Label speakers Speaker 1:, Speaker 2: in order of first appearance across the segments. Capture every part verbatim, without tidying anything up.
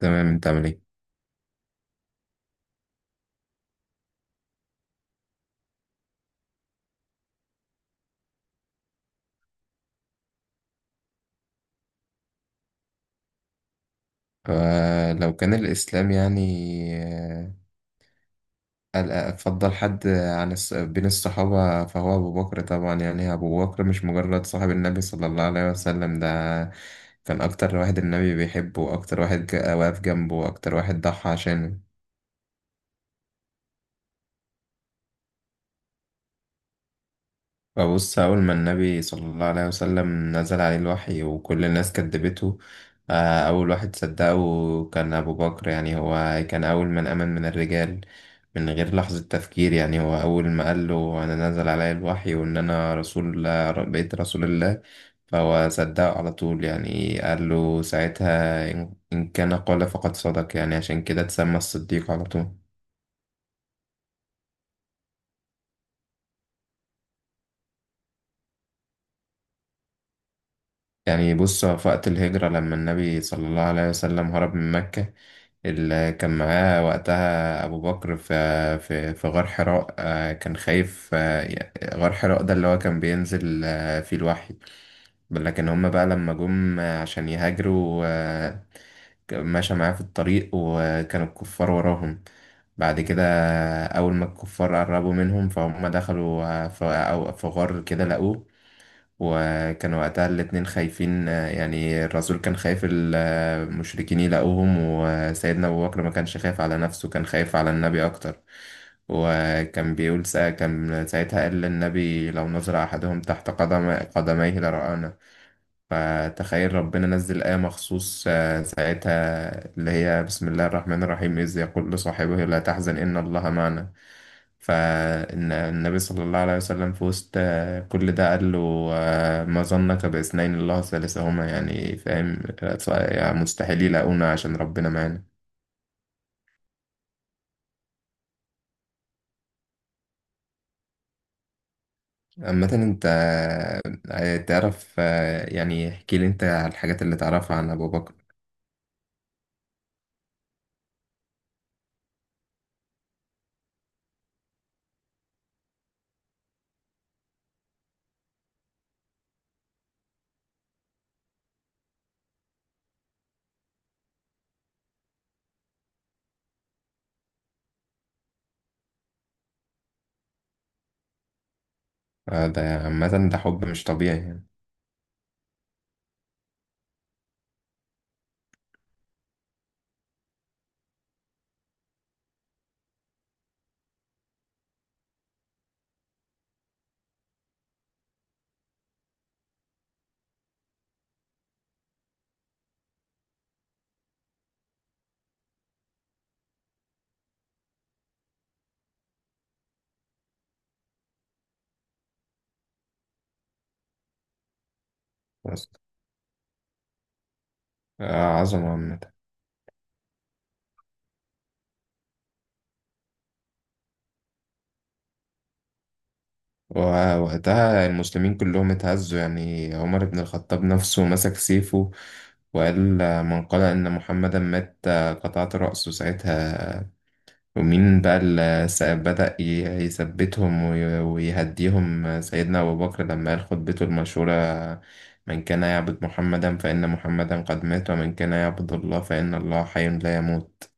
Speaker 1: تمام، انت عامل ايه؟ فلو كان الاسلام يعني آه، قال- افضل حد عن الص- بين الصحابه فهو ابو بكر. طبعا يعني ابو بكر مش مجرد صاحب النبي صلى الله عليه وسلم، ده كان اكتر واحد النبي بيحبه، واكتر واحد جا- واقف جنبه، واكتر واحد ضحى عشانه. فبص، أول ما النبي صلى الله عليه وسلم نزل عليه الوحي وكل الناس كدبته، آه، أول واحد صدقه كان أبو بكر. يعني هو كان أول من آمن من الرجال، من غير لحظة تفكير. يعني هو أول ما قال له أنا نزل علي الوحي وإن أنا رسول، بقيت رسول الله، فهو صدقه على طول. يعني قال له ساعتها إن إن كان قال فقد صدق. يعني عشان كده اتسمى الصديق على طول. يعني بص، في وقت الهجرة لما النبي صلى الله عليه وسلم هرب من مكة، اللي كان معاه وقتها أبو بكر، في في في غار حراء، آه، كان خايف. آه، ي- غار حراء ده اللي هو كان بينزل آه، فيه الوحي. لكن هما بقى لما جم آه، عشان يهاجروا، آه، ك- مشى معاه في الطريق وكانوا الكفار وراهم. بعد كده أول ما الكفار قربوا منهم، فهم دخلوا آه، في أو- في غار كده لقوه. وكان وقتها الاتنين خايفين، آه، يعني الرسول كان خايف المشركين يلاقوهم، وسيدنا أبو بكر ما كانش خايف على نفسه، كان خايف على النبي أكتر. وكان بيقول سا كان ساعتها قال للنبي لو نظر أحدهم تحت قدم قدميه لرآنا. فتخيل ربنا نزل آية مخصوص آه، ساعتها، اللي هي بسم الله الرحمن الرحيم، إذ يقول لصاحبه لا تحزن إن الله معنا. فالنبي صلى الله عليه وسلم في وسط آه، كل ده قال له آه، ما ظنك باثنين الله ثالثهما. يعني فاهم، يعني مستحيل يلاقونا عشان ربنا معانا. عامة انت آه، تعرف، آه، يعني احكي لي انت على الحاجات اللي تعرفها عن ابو بكر. آه، ده عامة ده حب مش طبيعي يعني. بس. آه، عظمة عامة. ووقتها المسلمين كلهم اتهزوا. يعني عمر بن الخطاب نفسه مسك سيفه وقال آه، من قال إن محمدا مات آه، قطعت رأسه ساعتها. ومين بقى اللي س- بدأ ي- يثبتهم وي- ويهديهم؟ آه، سيدنا أبو بكر، لما قال خطبته المشهورة آه، من كان يعبد محمدا فإن محمدا قد مات، ومن كان يعبد الله فإن الله حي لا يموت.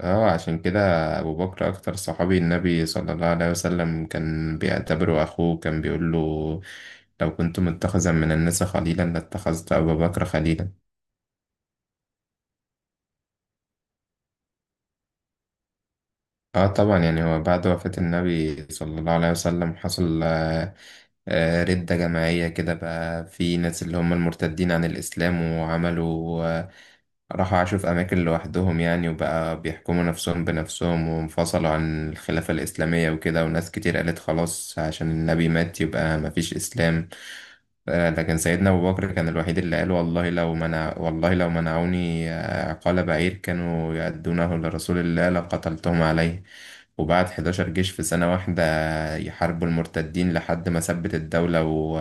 Speaker 1: اه عشان كده ابو بكر اكتر صحابي النبي صلى الله عليه وسلم كان بيعتبره اخوه. كان بيقول له لو كنت متخذا من الناس خليلا لاتخذت ابا بكر خليلا. اه طبعا، يعني هو بعد وفاة النبي صلى الله عليه وسلم حصل آه، آه، ردة جماعية كده. بقى في ناس اللي هم المرتدين عن الاسلام، وعملوا، راحوا عاشوا في أماكن لوحدهم يعني، وبقى بيحكموا نفسهم بنفسهم، وانفصلوا عن الخلافة الإسلامية وكده. وناس كتير قالت خلاص، عشان النبي مات يبقى مفيش إسلام. آه، لكن سيدنا أبو بكر كان الوحيد اللي قال والله لو منع والله لو منعوني آه، عقال بعير كانوا يؤدونه لرسول الله لقتلتهم عليه. وبعت حداشر جيش في سنة واحدة يحاربوا المرتدين لحد ما ثبت الدولة و...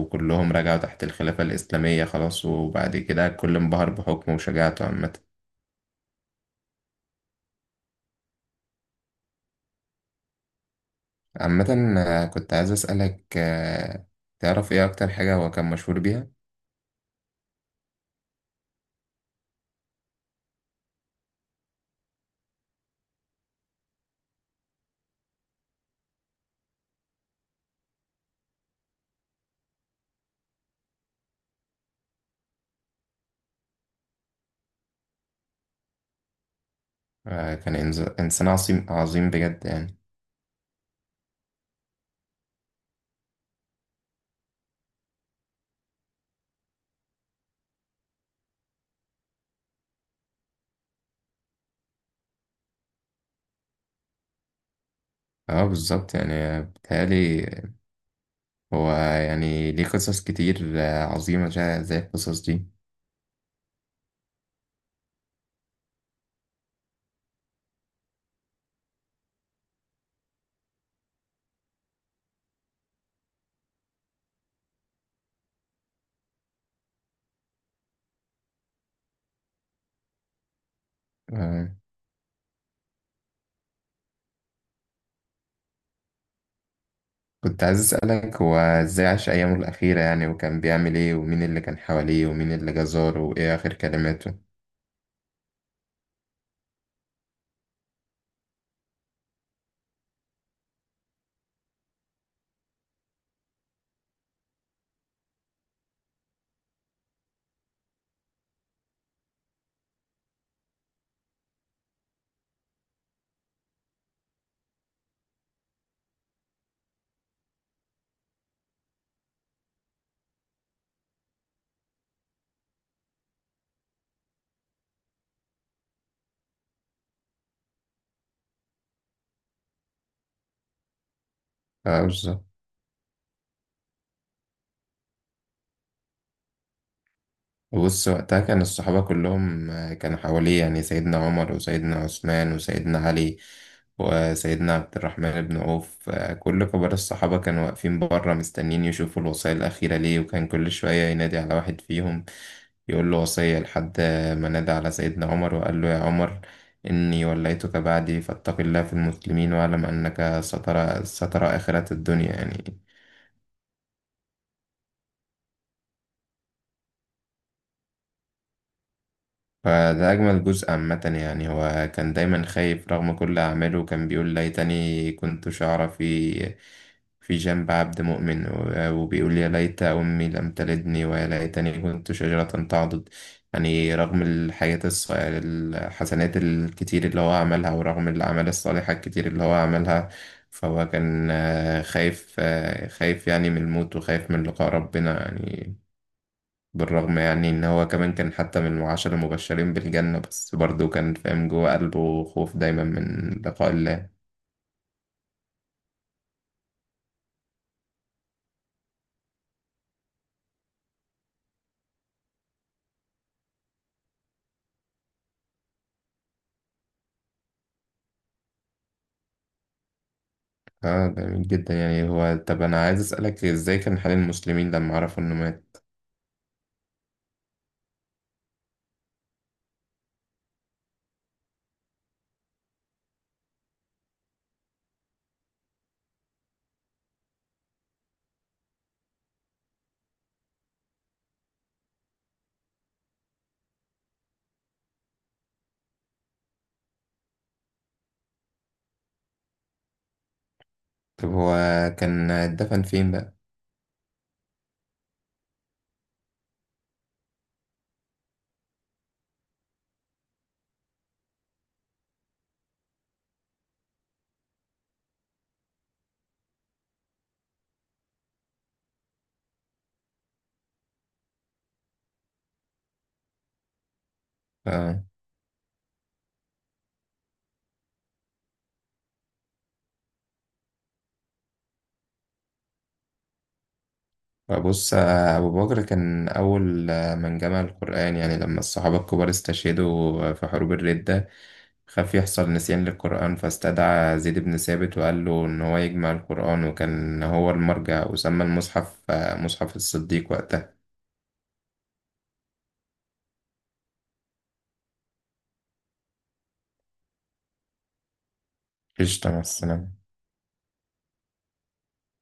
Speaker 1: وكلهم رجعوا تحت الخلافة الإسلامية خلاص. وبعد كده الكل انبهر بحكمه وشجاعته عامة عامة. آه، كنت عايز أسألك، آه، تعرف إيه أكتر حاجة هو كان مشهور بيها؟ آه، كان إنز- إنسان عظيم عظيم بجد يعني. اه بالظبط. يعني آه، بيتهيألي هو يعني ليه قصص كتير آه، عظيمة، شا- زي القصص دي. آه، كنت عايز أسألك هو إزاي عاش أيامه الأخيرة يعني، وكان بيعمل إيه، ومين اللي كان حواليه، ومين اللي جزاره، وإيه آخر كلماته؟ اه بالظبط. بص، وقتها كان الصحابة كلهم آه، كانوا حواليه. يعني سيدنا عمر وسيدنا عثمان وسيدنا علي وسيدنا عبد الرحمن بن عوف، آه، كل كبار الصحابة كانوا واقفين بره مستنيين يشوفوا الوصية الأخيرة ليه. وكان كل شوية ينادي على واحد فيهم يقول له وصية، لحد ما نادى على سيدنا عمر وقال له يا عمر، إني وليتك بعدي فاتق الله في المسلمين، واعلم أنك سترى سترى آخرة الدنيا يعني. فده أجمل جزء عامة. يعني هو كان دايما خايف رغم كل أعماله. كان بيقول ليتني كنت شعرة في في جنب عبد مؤمن، و- وبيقول يا ليت أمي لم تلدني، ويا ليتني كنت شجرة تعضد. يعني رغم الحاجات الص- الحسنات الكتير اللي هو عملها، ورغم الأعمال الصالحة الكتير اللي هو عملها، فهو كان آه، خايف، آه، خايف يعني من الموت، وخايف من لقاء ربنا يعني. بالرغم يعني إن هو كمان كان حتى من العشرة المبشرين بالجنة، بس برضه كان فاهم جوه قلبه خوف دايما من لقاء الله. اه جميل جدا. يعني هو طب أنا عايز أسألك إزاي كان حال المسلمين لما عرفوا إنه مات؟ طب هو كان اتدفن فين بقى؟ اه بص، آه، أبو بكر كان أول، آه، من جمع القرآن. يعني لما الصحابة الكبار استشهدوا في حروب الردة، خاف يحصل نسيان للقرآن، فاستدعى زيد بن ثابت وقال له إن هو يجمع القرآن، وكان هو المرجع، وسمى المصحف آه، مصحف الصديق وقتها. قشطة، مع السلامة